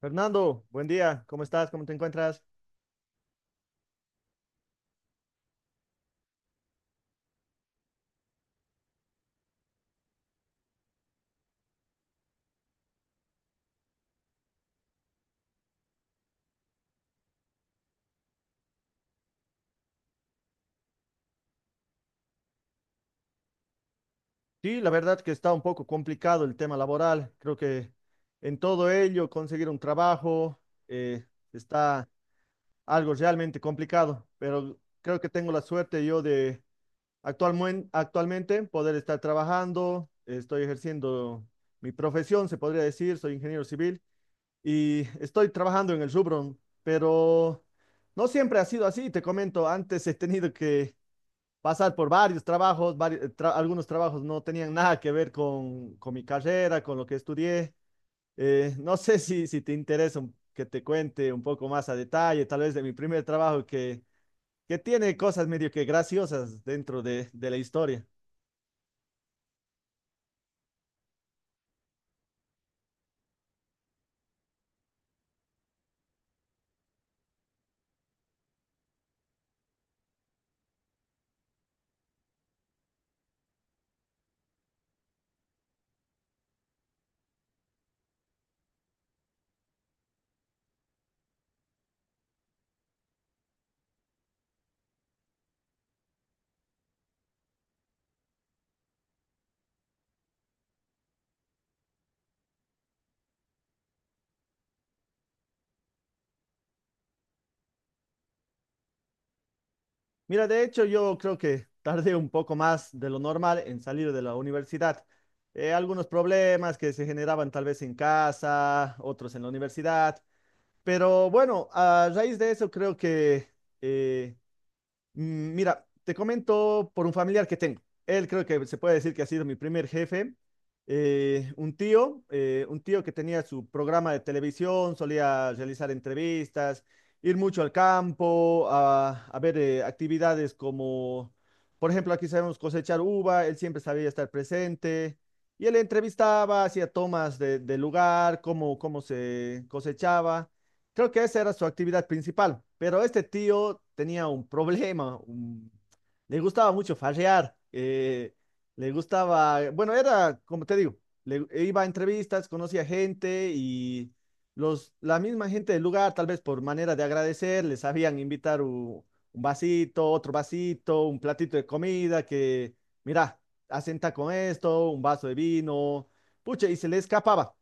Fernando, buen día. ¿Cómo estás? ¿Cómo te encuentras? Sí, la verdad que está un poco complicado el tema laboral. Creo que en todo ello conseguir un trabajo eh, está algo realmente complicado, pero creo que tengo la suerte yo de actualmente poder estar trabajando. Estoy ejerciendo mi profesión, se podría decir, soy ingeniero civil y estoy trabajando en el rubro, pero no siempre ha sido así. Te comento, antes he tenido que pasar por varios trabajos, algunos trabajos no tenían nada que ver con mi carrera, con lo que estudié. No sé si te interesa que te cuente un poco más a detalle, tal vez de mi primer trabajo que tiene cosas medio que graciosas dentro de la historia. Mira, de hecho yo creo que tardé un poco más de lo normal en salir de la universidad. Algunos problemas que se generaban tal vez en casa, otros en la universidad. Pero bueno, a raíz de eso creo que eh, mira, te comento por un familiar que tengo. Él creo que se puede decir que ha sido mi primer jefe. Un tío que tenía su programa de televisión, solía realizar entrevistas, ir mucho al campo, a ver actividades como, por ejemplo, aquí sabemos cosechar uva, él siempre sabía estar presente. Y él entrevistaba, hacía tomas del lugar, cómo se cosechaba. Creo que esa era su actividad principal, pero este tío tenía un problema, le gustaba mucho farrear, le gustaba, bueno, era, como te digo, le iba a entrevistas, conocía gente y la misma gente del lugar, tal vez por manera de agradecer, les sabían invitar un vasito, otro vasito, un platito de comida mira, asenta con esto, un vaso de vino, pucha, y se le escapaba.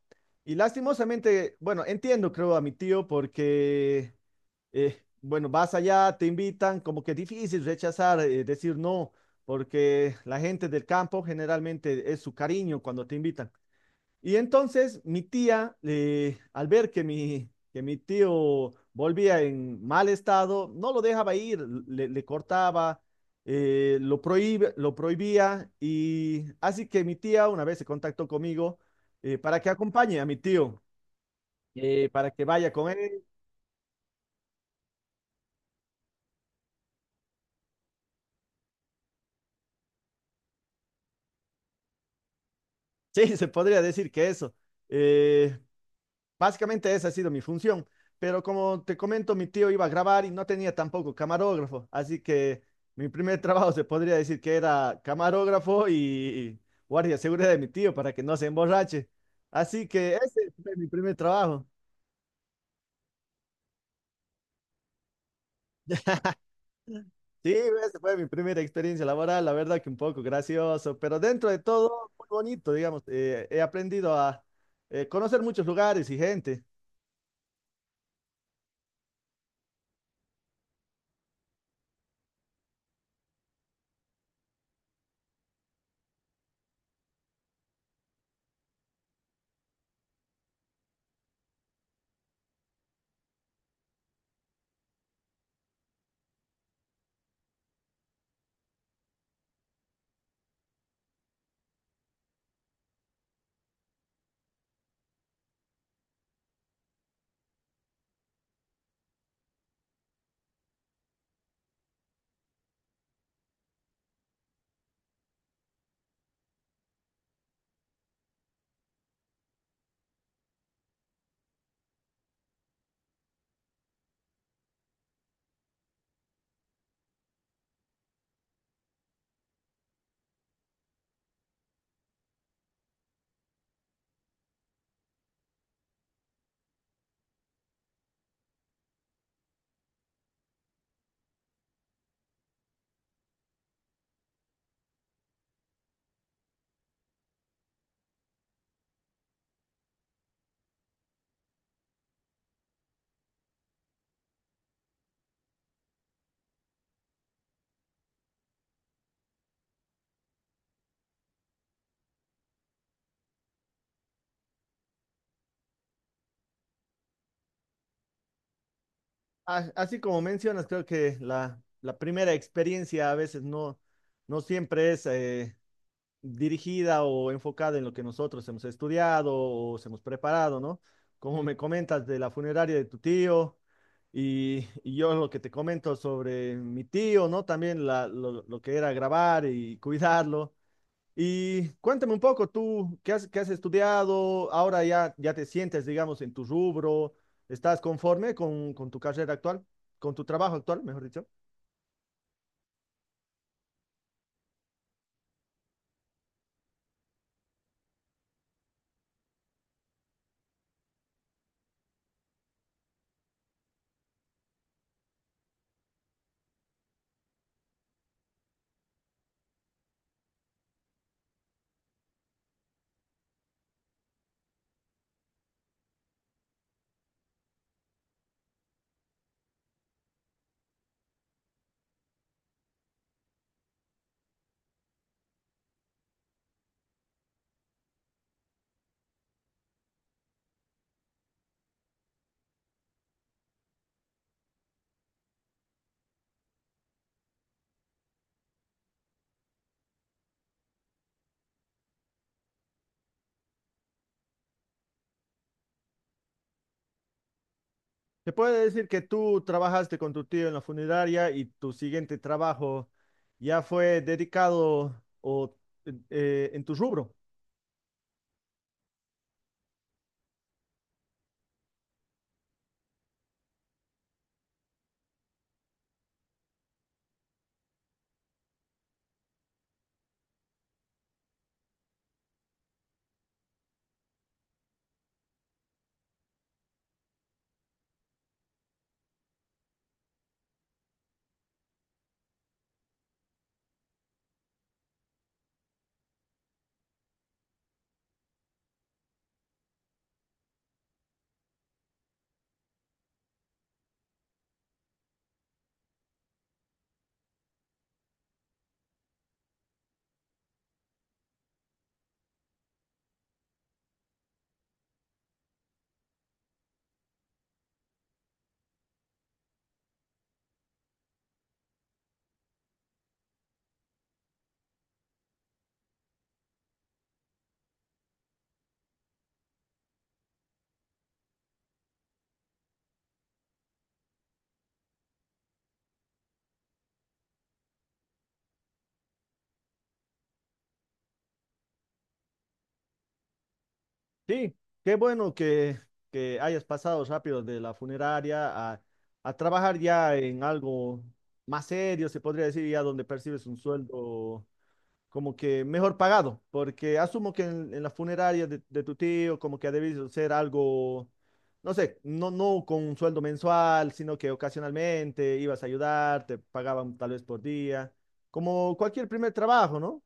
Y lastimosamente, bueno, entiendo, creo, a mi tío porque, bueno, vas allá, te invitan, como que difícil rechazar, decir no, porque la gente del campo generalmente es su cariño cuando te invitan. Y entonces mi tía, al ver que mi tío volvía en mal estado, no lo dejaba ir, le cortaba, lo prohibía. Y así que mi tía una vez se contactó conmigo para que acompañe a mi tío para que vaya con él. Sí, se podría decir que eso. Eh, Básicamente esa ha sido mi función, pero como te comento, mi tío iba a grabar y no tenía tampoco camarógrafo, así que mi primer trabajo se podría decir que era camarógrafo y guardia de seguridad de mi tío para que no se emborrache. Así que ese fue mi primer trabajo. Sí, esa fue mi primera experiencia laboral, la verdad que un poco gracioso, pero dentro de todo, muy bonito, digamos. He aprendido a conocer muchos lugares y gente. Así como mencionas, creo que la primera experiencia a veces no siempre es dirigida o enfocada en lo que nosotros hemos estudiado o se hemos preparado, ¿no? Como me comentas de la funeraria de tu tío y yo lo que te comento sobre mi tío, ¿no? También lo que era grabar y cuidarlo. Y cuéntame un poco, tú, ¿qué qué has estudiado? Ahora ya te sientes, digamos, en tu rubro, ¿estás conforme con tu carrera actual, con tu trabajo actual, mejor dicho? ¿Se puede decir que tú trabajaste con tu tío en la funeraria y tu siguiente trabajo ya fue dedicado en tu rubro? Sí, qué bueno que hayas pasado rápido de la funeraria a trabajar ya en algo más serio, se podría decir, ya donde percibes un sueldo como que mejor pagado, porque asumo que en la funeraria de tu tío como que ha debido ser algo, no sé, no con un sueldo mensual, sino que ocasionalmente ibas a ayudar, te pagaban tal vez por día, como cualquier primer trabajo, ¿no?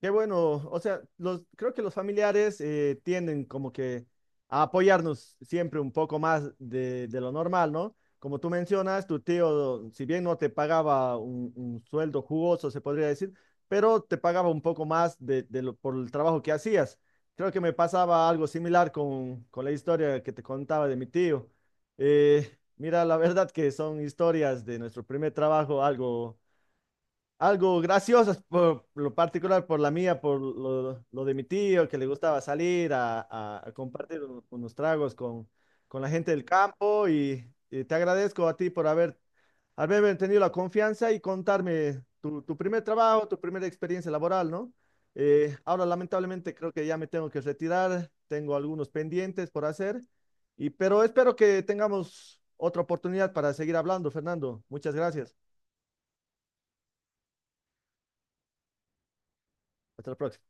Qué bueno, o sea, los, creo que los familiares tienden como que a apoyarnos siempre un poco más de lo normal, ¿no? Como tú mencionas, tu tío, si bien no te pagaba un sueldo jugoso, se podría decir, pero te pagaba un poco más de, por el trabajo que hacías. Creo que me pasaba algo similar con la historia que te contaba de mi tío. Eh, Mira, la verdad que son historias de nuestro primer trabajo, algo graciosas por lo particular, por la mía, por lo de mi tío, que le gustaba salir a, a compartir unos tragos con la gente del campo y te agradezco a ti por haber, haberme tenido la confianza y contarme tu primer trabajo, tu primera experiencia laboral, ¿no? Ahora lamentablemente creo que ya me tengo que retirar, tengo algunos pendientes por hacer, y, pero espero que tengamos otra oportunidad para seguir hablando, Fernando. Muchas gracias. Hasta la próxima.